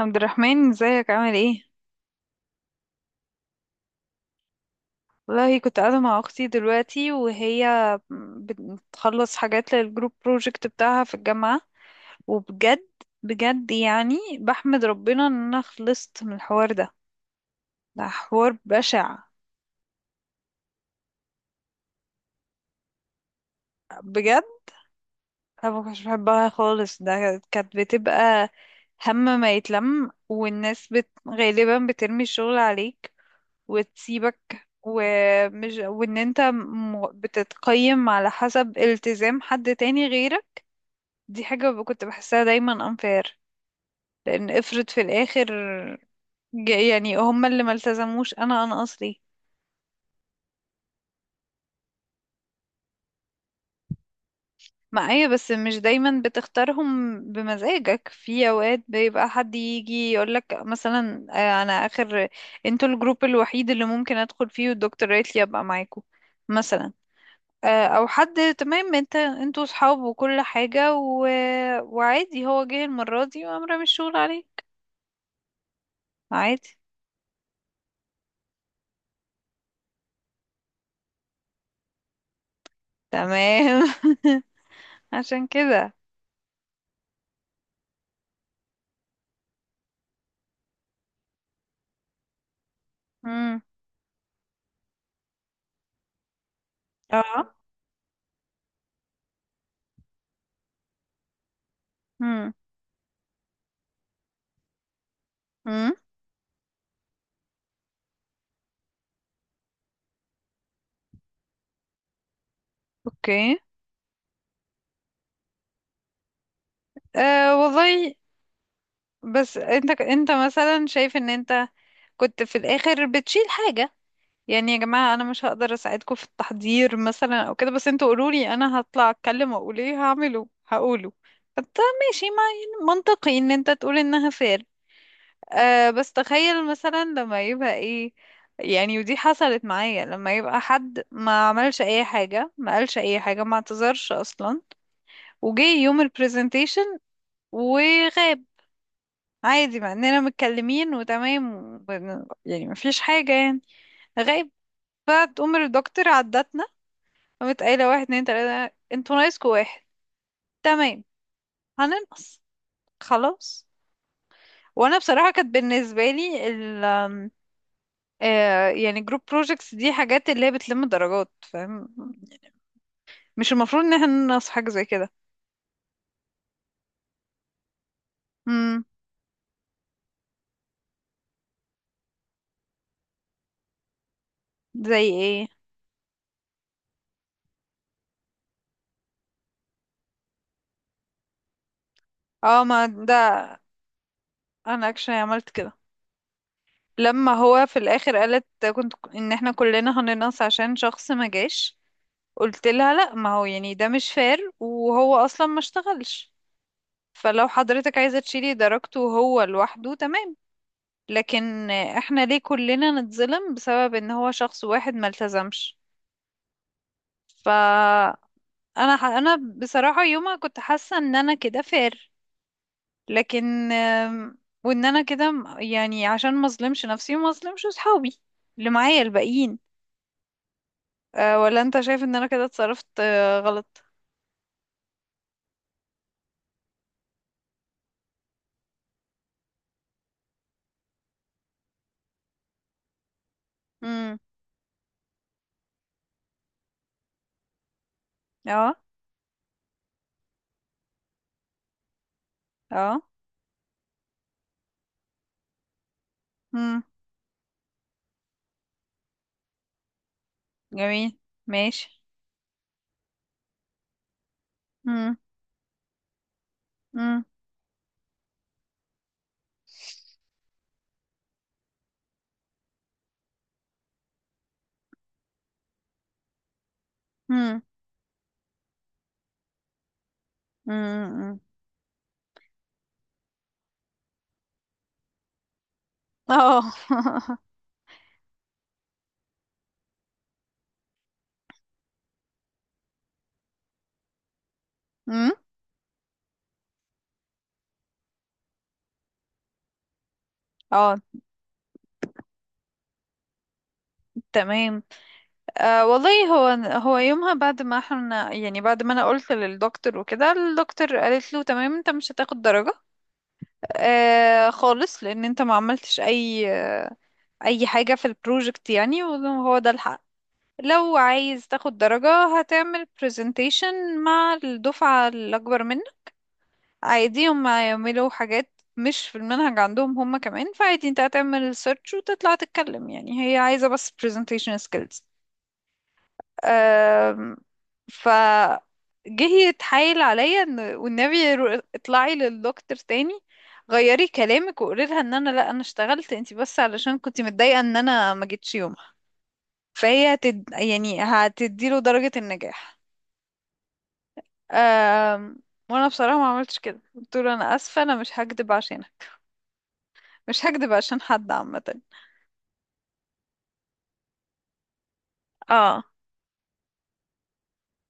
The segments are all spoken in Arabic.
عبد الرحمن ازيك؟ عامل ايه؟ والله كنت قاعدة مع اختي دلوقتي، وهي بتخلص حاجات للجروب بروجكت بتاعها في الجامعة. وبجد، بجد يعني بحمد ربنا ان انا خلصت من الحوار ده. ده حوار بشع بجد. انا ما كنتش بحبها خالص. ده كانت بتبقى هم ما يتلم، والناس غالبا بترمي الشغل عليك وتسيبك، ومش وان بتتقيم على حسب التزام حد تاني غيرك. دي كنت بحسها دايما unfair. لان افرض في الاخر، يعني هما اللي ما التزموش، انا اصلي معايا. بس مش دايما بتختارهم بمزاجك، في اوقات بيبقى حد يجي يقولك مثلا، آه، انا اخر، انتوا الجروب الوحيد اللي ممكن ادخل فيه، والدكتور قالت لي ابقى معاكم مثلا. آه، او حد تمام، انت انتوا صحاب وكل حاجة وعادي هو جه المرة دي وقام رامي الشغل عليك. عادي. تمام. عشان كده. امم اه. امم. امم. اوكي. أه والله. بس انت مثلا شايف ان انت كنت في الاخر بتشيل حاجة؟ يعني يا جماعة أنا مش هقدر أساعدكم في التحضير مثلا أو كده، بس انتوا قولولي أنا هطلع أتكلم وأقول ايه هعمله، هقوله. فانت، ماشي، ما يعني منطقي إن انت تقول إنها فير. أه، بس تخيل مثلا لما يبقى ايه، يعني ودي حصلت معايا، لما يبقى حد ما عملش أي حاجة، ما قالش أي حاجة، ما اعتذرش أصلا، وجي يوم البرزنتيشن وغاب عادي، مع إننا متكلمين وتمام يعني مفيش حاجة يعني. غايب. فتقوم الدكتور عدتنا، قامت قايلة واحد اتنين تلاتة، انتوا ناقصكوا واحد. تمام، هننقص، خلاص. وانا بصراحة كانت بالنسبة لي ال آم، آه، يعني جروب بروجيكتس دي حاجات اللي هي بتلم درجات، فاهم؟ مش المفروض ان احنا ننقص حاجة زي كده. امم. زي ايه؟ اه ما ده. انا اكشن عملت كده، لما هو في الاخر قالت، كنت ان احنا كلنا هننقص عشان شخص ما جاش. قلت لها لا، ما هو يعني ده مش فاir، وهو اصلا ما اشتغلش. فلو حضرتك عايزة تشيلي درجته هو لوحده، تمام. لكن احنا ليه كلنا نتظلم بسبب ان هو شخص واحد ما التزمش؟ فانا، انا بصراحة يومها كنت حاسة ان انا كده فير، لكن وان انا كده يعني عشان ما اظلمش نفسي وما اظلمش صحابي اللي معايا الباقيين. أه، ولا انت شايف ان انا كده اتصرفت، آه، غلط؟ امم. اه. اه. امم. جميل. ماشي. امم. امم. امم. اه. أمم، اه. تمام. آه والله. هو يومها بعد ما احنا يعني بعد ما انا قلت للدكتور وكده، الدكتور قالت له تمام انت مش هتاخد درجة آه خالص، لان انت ما عملتش اي آه، اي حاجة في البروجكت يعني، وهو ده الحق. لو عايز تاخد درجة هتعمل presentation مع الدفعة الأكبر منك. عادي هم يعملوا حاجات مش في المنهج عندهم هم كمان، فعادي انت هتعمل سيرش وتطلع تتكلم، يعني هي عايزة بس presentation skills. أم، ف، جه يتحايل عليا ان والنبي، اطلعي للدكتور تاني، غيري كلامك وقولي لها ان انا لا، انا اشتغلت، انت بس علشان كنت متضايقة ان انا ما جيتش يومها، فهي يعني هتديله درجة النجاح. أم، وانا بصراحة ما عملتش كده، قلت له انا اسفة انا مش هكدب عشانك، مش هكدب عشان حد عامة. اه،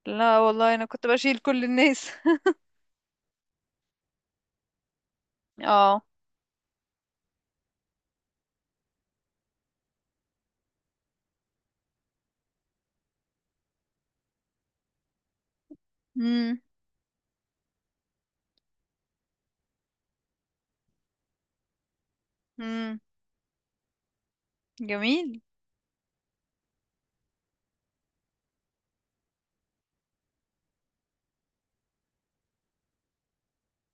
لا والله انا كنت بشيل كل الناس. اه. امم. امم. جميل.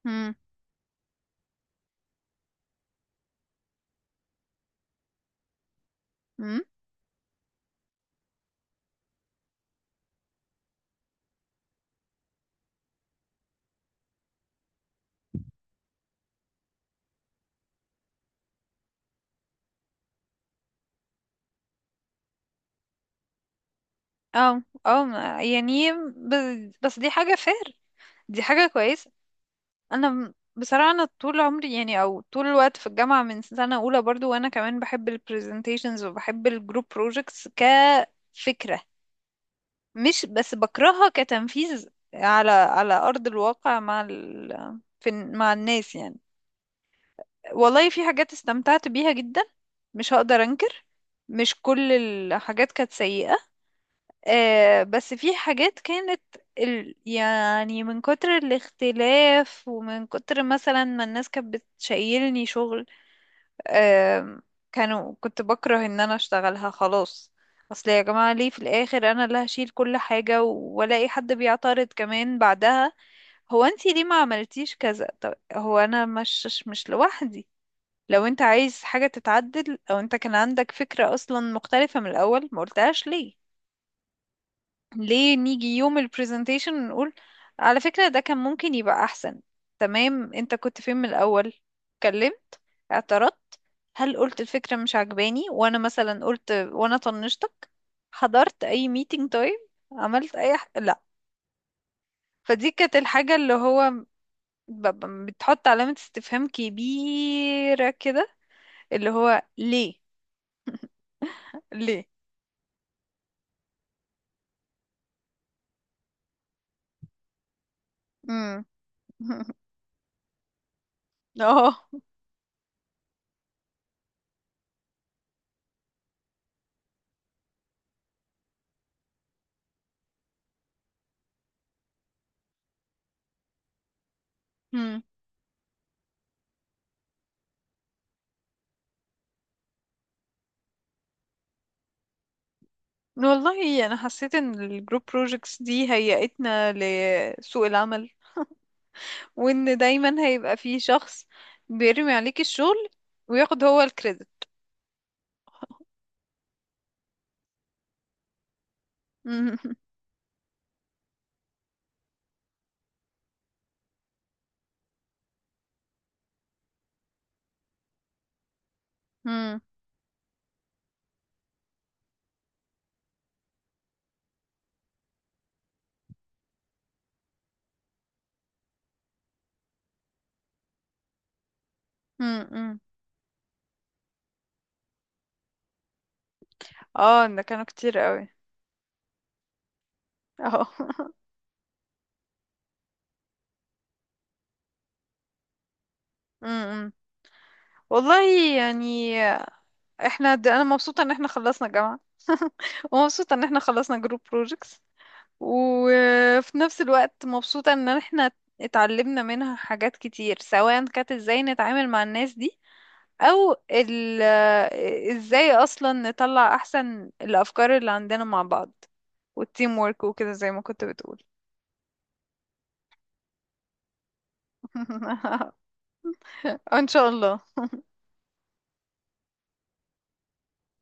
امم. امم. اه. يعني بس, دي حاجة فير، دي حاجة كويسة. انا بصراحة انا طول عمري يعني او طول الوقت في الجامعة من سنة اولى برضو، وانا كمان بحب البرزنتيشنز وبحب الجروب بروجكتس كفكرة. مش بس بكرهها كتنفيذ على ارض الواقع مع في مع الناس يعني. والله في حاجات استمتعت بيها جدا، مش هقدر انكر. مش كل الحاجات كانت سيئة. آه، بس في حاجات كانت يعني من كتر الاختلاف، ومن كتر مثلا ما الناس كانت بتشيلني شغل، آه، كانوا، كنت بكره ان انا اشتغلها خلاص. اصل يا جماعة، ليه في الاخر انا اللي هشيل كل حاجة والاقي حد بيعترض كمان بعدها؟ هو انتي ليه ما عملتيش كذا؟ طب هو انا مش لوحدي. لو انت عايز حاجة تتعدل، او انت كان عندك فكرة اصلا مختلفة من الاول، ما قلتهاش ليه؟ ليه نيجي يوم البرزنتيشن نقول على فكرة ده كان ممكن يبقى احسن؟ تمام، انت كنت فين من الاول؟ اتكلمت؟ اعترضت؟ هل قلت الفكرة مش عجباني وانا مثلا قلت وانا طنشتك؟ حضرت اي ميتنج طيب؟ عملت اي لا. فدي كانت الحاجة اللي هو بتحط علامة استفهام كبيرة كده، اللي هو ليه. ليه؟ اه. مم. والله انا حسيت ان الجروب بروجكتس دي هيئتنا لسوق العمل، وان دايما هيبقى في شخص بيرمي عليك الشغل وياخد هو الكريدت. مم. مم. مم. مم. اه، ده كانوا كتير قوي. اه. مم. مم. والله، يعني احنا انا مبسوطة ان احنا خلصنا جامعة، ومبسوطة ان احنا خلصنا جروب بروجكتس، وفي نفس الوقت مبسوطة ان احنا اتعلمنا منها حاجات كتير، سواء كانت ازاي نتعامل مع الناس دي، او ال، ازاي اصلا نطلع احسن الافكار اللي عندنا مع بعض، والتيم وورك وكده زي ما كنت بتقول. ان شاء الله.